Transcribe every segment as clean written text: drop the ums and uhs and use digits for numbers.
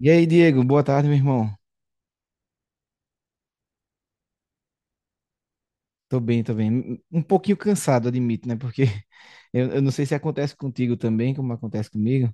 E aí, Diego, boa tarde, meu irmão. Tô bem, tô bem. Um pouquinho cansado, admito, né? Porque eu não sei se acontece contigo também, como acontece comigo.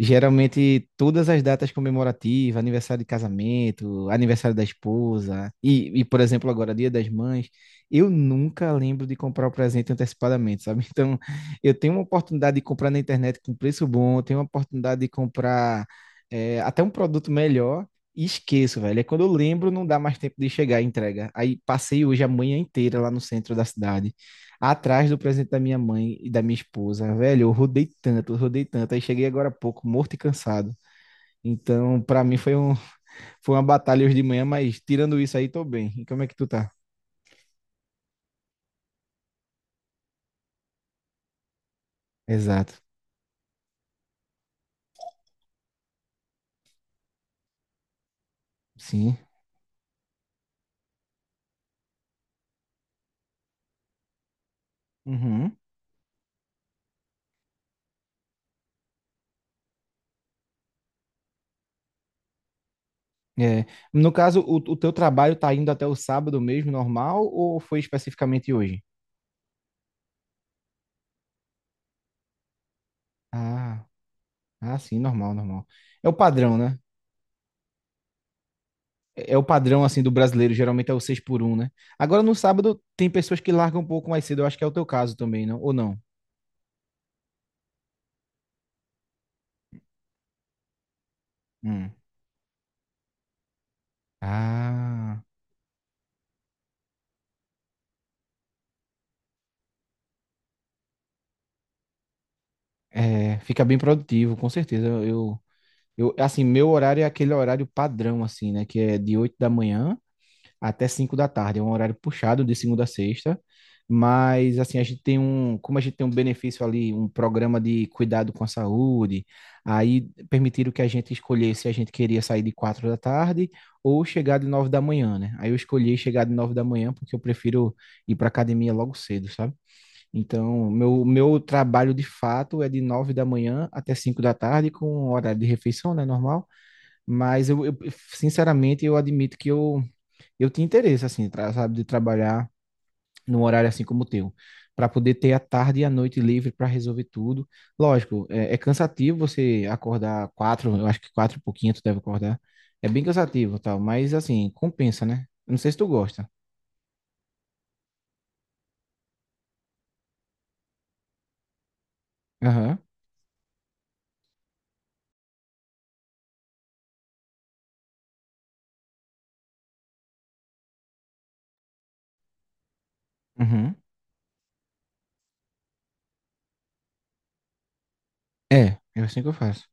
Geralmente, todas as datas comemorativas, aniversário de casamento, aniversário da esposa, e, por exemplo, agora, Dia das Mães, eu nunca lembro de comprar o presente antecipadamente, sabe? Então, eu tenho uma oportunidade de comprar na internet com preço bom, eu tenho uma oportunidade de comprar. Até um produto melhor. E esqueço, velho. É quando eu lembro, não dá mais tempo de chegar a entrega. Aí passei hoje a manhã inteira lá no centro da cidade, atrás do presente da minha mãe e da minha esposa. Velho, eu rodei tanto, eu rodei tanto. Aí cheguei agora há pouco, morto e cansado. Então, pra mim foi um, foi uma batalha hoje de manhã, mas tirando isso aí, tô bem. E como é que tu tá? Exato. Sim. Uhum. É. No caso, o teu trabalho tá indo até o sábado mesmo, normal, ou foi especificamente hoje? Ah, ah, sim, normal, normal. É o padrão, né? É o padrão assim do brasileiro, geralmente é o 6 por um, né? Agora no sábado tem pessoas que largam um pouco mais cedo, eu acho que é o teu caso também, não? Ou não? Hum. Ah, é, fica bem produtivo, com certeza. Eu, assim, meu horário é aquele horário padrão, assim, né? Que é de 8 da manhã até 5 da tarde. É um horário puxado de segunda a sexta, mas assim, a gente tem um, como a gente tem um benefício ali, um programa de cuidado com a saúde, aí permitiram que a gente escolhesse se a gente queria sair de 4 da tarde ou chegar de 9 da manhã, né? Aí eu escolhi chegar de 9 da manhã porque eu prefiro ir para academia logo cedo, sabe? Então, meu trabalho de fato é de 9 da manhã até 5 da tarde com horário de refeição, né, normal. Mas eu, sinceramente, eu admito que eu tinha interesse, assim, sabe, de trabalhar num horário assim como o teu, para poder ter a tarde e a noite livre para resolver tudo. Lógico, é cansativo você acordar quatro, eu acho que quatro e pouquinho tu deve acordar. É bem cansativo, e tal, mas assim, compensa, né? Eu não sei se tu gosta. Aham. Uhum. É, é assim que eu faço.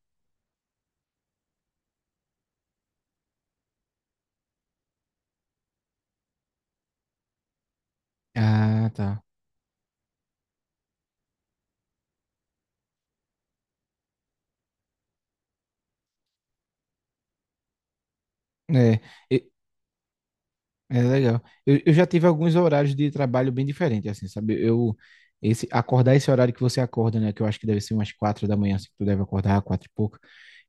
Ah, tá. É. e- É legal. Eu já tive alguns horários de trabalho bem diferentes, assim, sabe? Eu, esse, acordar esse horário que você acorda, né? Que eu acho que deve ser umas 4 da manhã, assim, que tu deve acordar, quatro e pouco.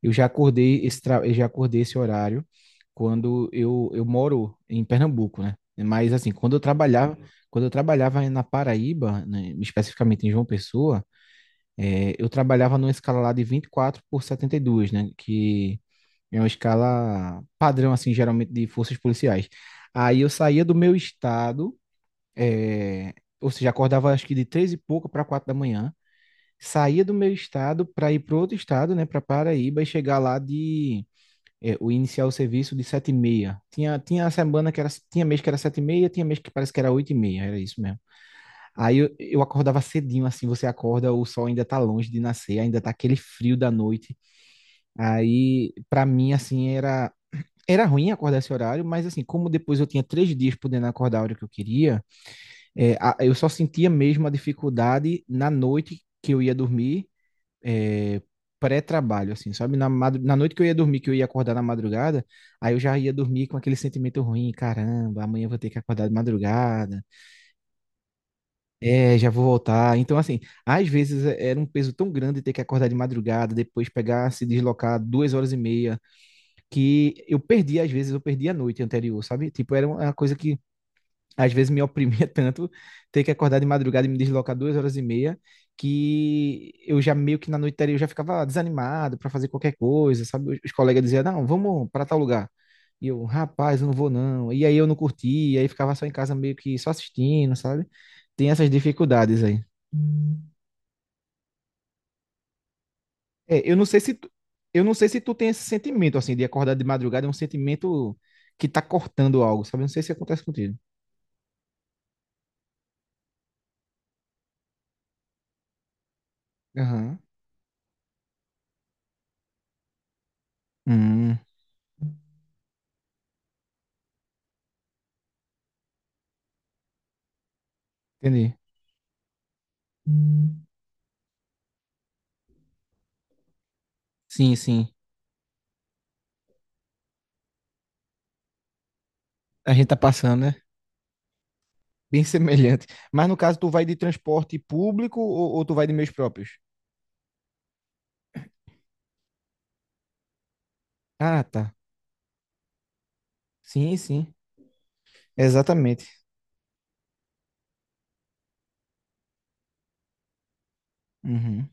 Eu já acordei esse horário quando eu moro em Pernambuco, né? Mas, assim, quando eu trabalhava, Uhum. Quando eu trabalhava na Paraíba, né, especificamente em João Pessoa, eu trabalhava numa escala lá de 24 por 72, né? Que é uma escala padrão, assim, geralmente de forças policiais. Aí eu saía do meu estado, é, ou seja, acordava acho que de três e pouco para 4 da manhã, saía do meu estado para ir para outro estado, né, para Paraíba e chegar lá de o iniciar o serviço de 7:30. Tinha semana que era, tinha mês que era 7:30, tinha mês que parece que era 8:30, era isso mesmo. Aí eu acordava cedinho, assim, você acorda, o sol ainda tá longe de nascer, ainda tá aquele frio da noite. Aí, pra mim, assim, era ruim acordar esse horário, mas assim, como depois eu tinha 3 dias podendo acordar a hora que eu queria, eu só sentia mesmo a dificuldade na noite que eu ia dormir, é, pré-trabalho, assim, sabe? Na noite que eu ia dormir, que eu ia acordar na madrugada, aí eu já ia dormir com aquele sentimento ruim, caramba, amanhã eu vou ter que acordar de madrugada. É, já vou voltar. Então, assim, às vezes era um peso tão grande ter que acordar de madrugada, depois pegar, se deslocar 2 horas e meia, que eu perdi, às vezes, eu perdi a noite anterior, sabe? Tipo, era uma coisa que às vezes me oprimia tanto ter que acordar de madrugada e me deslocar 2 horas e meia, que eu já meio que na noite eu já ficava desanimado para fazer qualquer coisa, sabe? Os colegas diziam, não, vamos para tal lugar. E eu, rapaz, eu não vou não. E aí eu não curtia, aí ficava só em casa meio que só assistindo, sabe? Tem essas dificuldades aí. É, eu não sei se tu, eu não sei se tu tem esse sentimento assim de acordar de madrugada, é um sentimento que tá cortando algo, sabe? Eu não sei se acontece contigo. Aham. Hum, entendi. Sim, sim. A gente tá passando, né? Bem semelhante. Mas no caso, tu vai de transporte público ou tu vai de meios próprios? Ah, tá. Sim, sim. Exatamente. Uhum.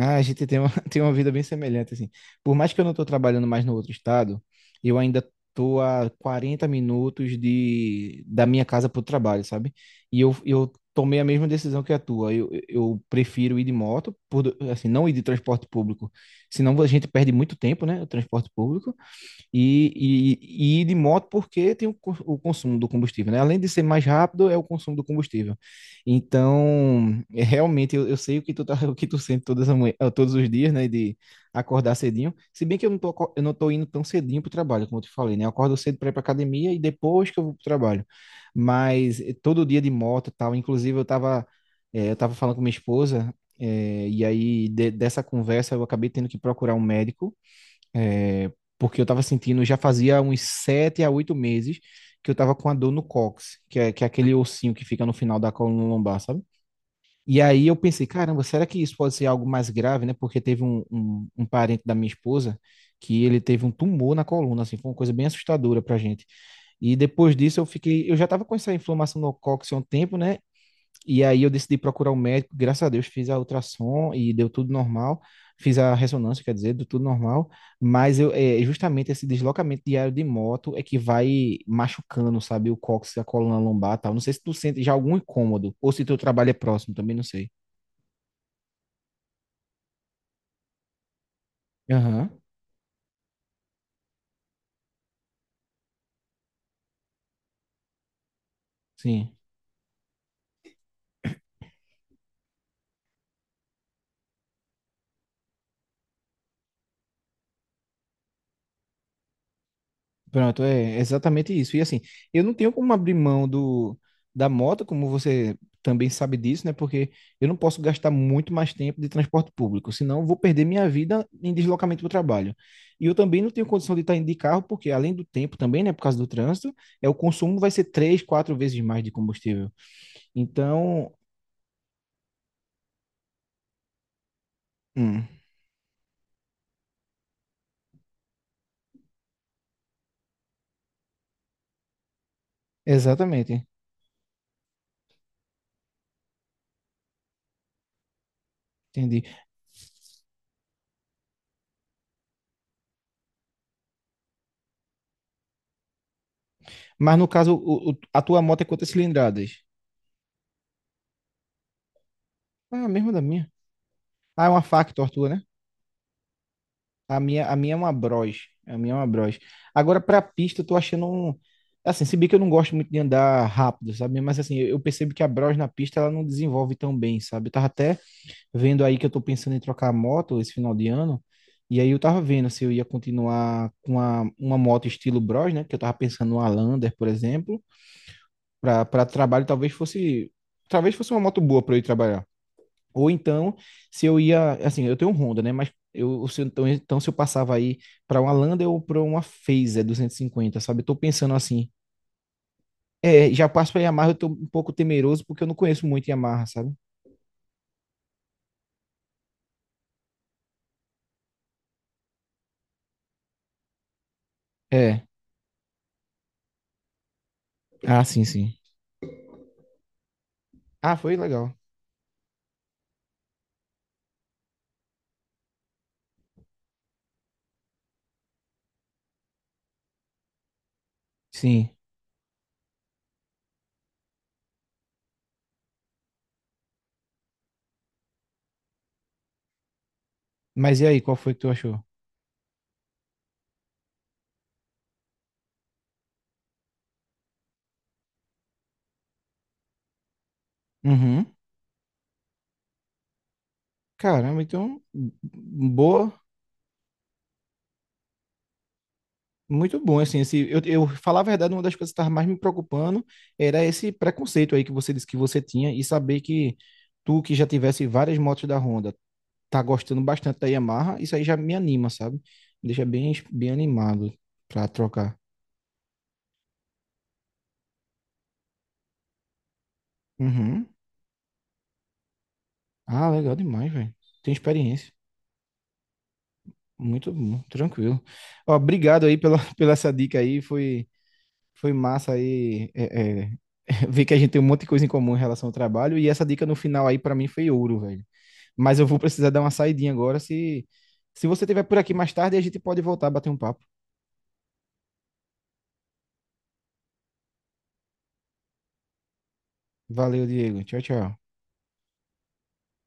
Ah, a gente tem uma, tem uma vida bem semelhante, assim. Por mais que eu não tô trabalhando mais no outro estado, eu ainda tô a 40 minutos da minha casa pro trabalho, sabe? E eu tomei a mesma decisão que a tua. Eu prefiro ir de moto, assim, não ir de transporte público. Senão a gente perde muito tempo, né? O transporte público. e, e ir de moto porque tem o consumo do combustível, né? Além de ser mais rápido, é o consumo do combustível. Então, é, realmente, eu sei o que tu tá, o que tu sente todas as manhã, todos os dias, né? De acordar cedinho. Se bem que eu não tô indo tão cedinho pro trabalho, como eu te falei, né? Eu acordo cedo para ir pra academia e depois que eu vou pro trabalho. Mas todo dia de moto e tal. Inclusive, eu tava falando com minha esposa. É, e aí, dessa conversa, eu acabei tendo que procurar um médico é, porque eu tava sentindo, já fazia uns 7 a 8 meses que eu tava com a dor no cóccix, que é aquele ossinho que fica no final da coluna lombar, sabe? E aí eu pensei, caramba, será que isso pode ser algo mais grave, né? Porque teve um parente da minha esposa que ele teve um tumor na coluna, assim, foi uma coisa bem assustadora pra gente. E depois disso eu fiquei, eu já tava com essa inflamação no cóccix há um tempo, né? E aí eu decidi procurar um médico, graças a Deus fiz a ultrassom e deu tudo normal, fiz a ressonância, quer dizer, deu tudo normal, mas eu, é justamente esse deslocamento diário de moto é que vai machucando, sabe, o cóccix, a coluna lombar e tal. Não sei se tu sente já algum incômodo, ou se teu trabalho é próximo, também não sei. Aham, sim. Pronto, é exatamente isso. E assim, eu não tenho como abrir mão da moto, como você também sabe disso, né? Porque eu não posso gastar muito mais tempo de transporte público, senão eu vou perder minha vida em deslocamento para o trabalho. E eu também não tenho condição de estar indo de carro, porque além do tempo também, né, por causa do trânsito, é o consumo vai ser três, quatro vezes mais de combustível. Então, hum, exatamente, entendi. Mas no caso, a tua moto é quantas cilindradas? Ah, a mesma da minha. Ah, é uma Factor, a tua, né? A minha é uma Bros. A minha é uma Bros. Agora, pra pista, eu tô achando um. Assim, se bem que eu não gosto muito de andar rápido, sabe? Mas assim, eu percebo que a Bros na pista ela não desenvolve tão bem, sabe? Eu tava até vendo aí que eu tô pensando em trocar a moto esse final de ano. E aí eu tava vendo se eu ia continuar com a, uma moto estilo Bros, né? Que eu tava pensando numa Lander, por exemplo, pra para trabalho talvez fosse uma moto boa pra eu ir trabalhar. Ou então, se eu ia, assim, eu tenho um Honda, né? Mas eu, se eu- então, se eu passava aí para uma Lander ou para uma Fazer 250 sabe? Eu tô pensando assim. É, já passo para Yamaha, eu tô um pouco temeroso porque eu não conheço muito Yamaha, sabe? É. Ah, sim, sim. Ah, foi legal. Sim. Mas e aí, qual foi que tu achou? Uhum. Caramba, então boa, muito bom, assim, esse, eu falar a verdade, uma das coisas que estava mais me preocupando era esse preconceito aí que você disse que você tinha e saber que tu que já tivesse várias motos da Honda, tá gostando bastante da Yamaha, isso aí já me anima, sabe? Me deixa bem, bem animado pra trocar. Uhum. Ah, legal demais, velho. Tem experiência. Muito bom, tranquilo. Ó, obrigado aí pela, pela essa dica aí, foi, massa aí, ver que a gente tem um monte de coisa em comum em relação ao trabalho e essa dica no final aí pra mim foi ouro, velho. Mas eu vou precisar dar uma saidinha agora. Se você estiver por aqui mais tarde, a gente pode voltar a bater um papo. Valeu, Diego. Tchau, tchau.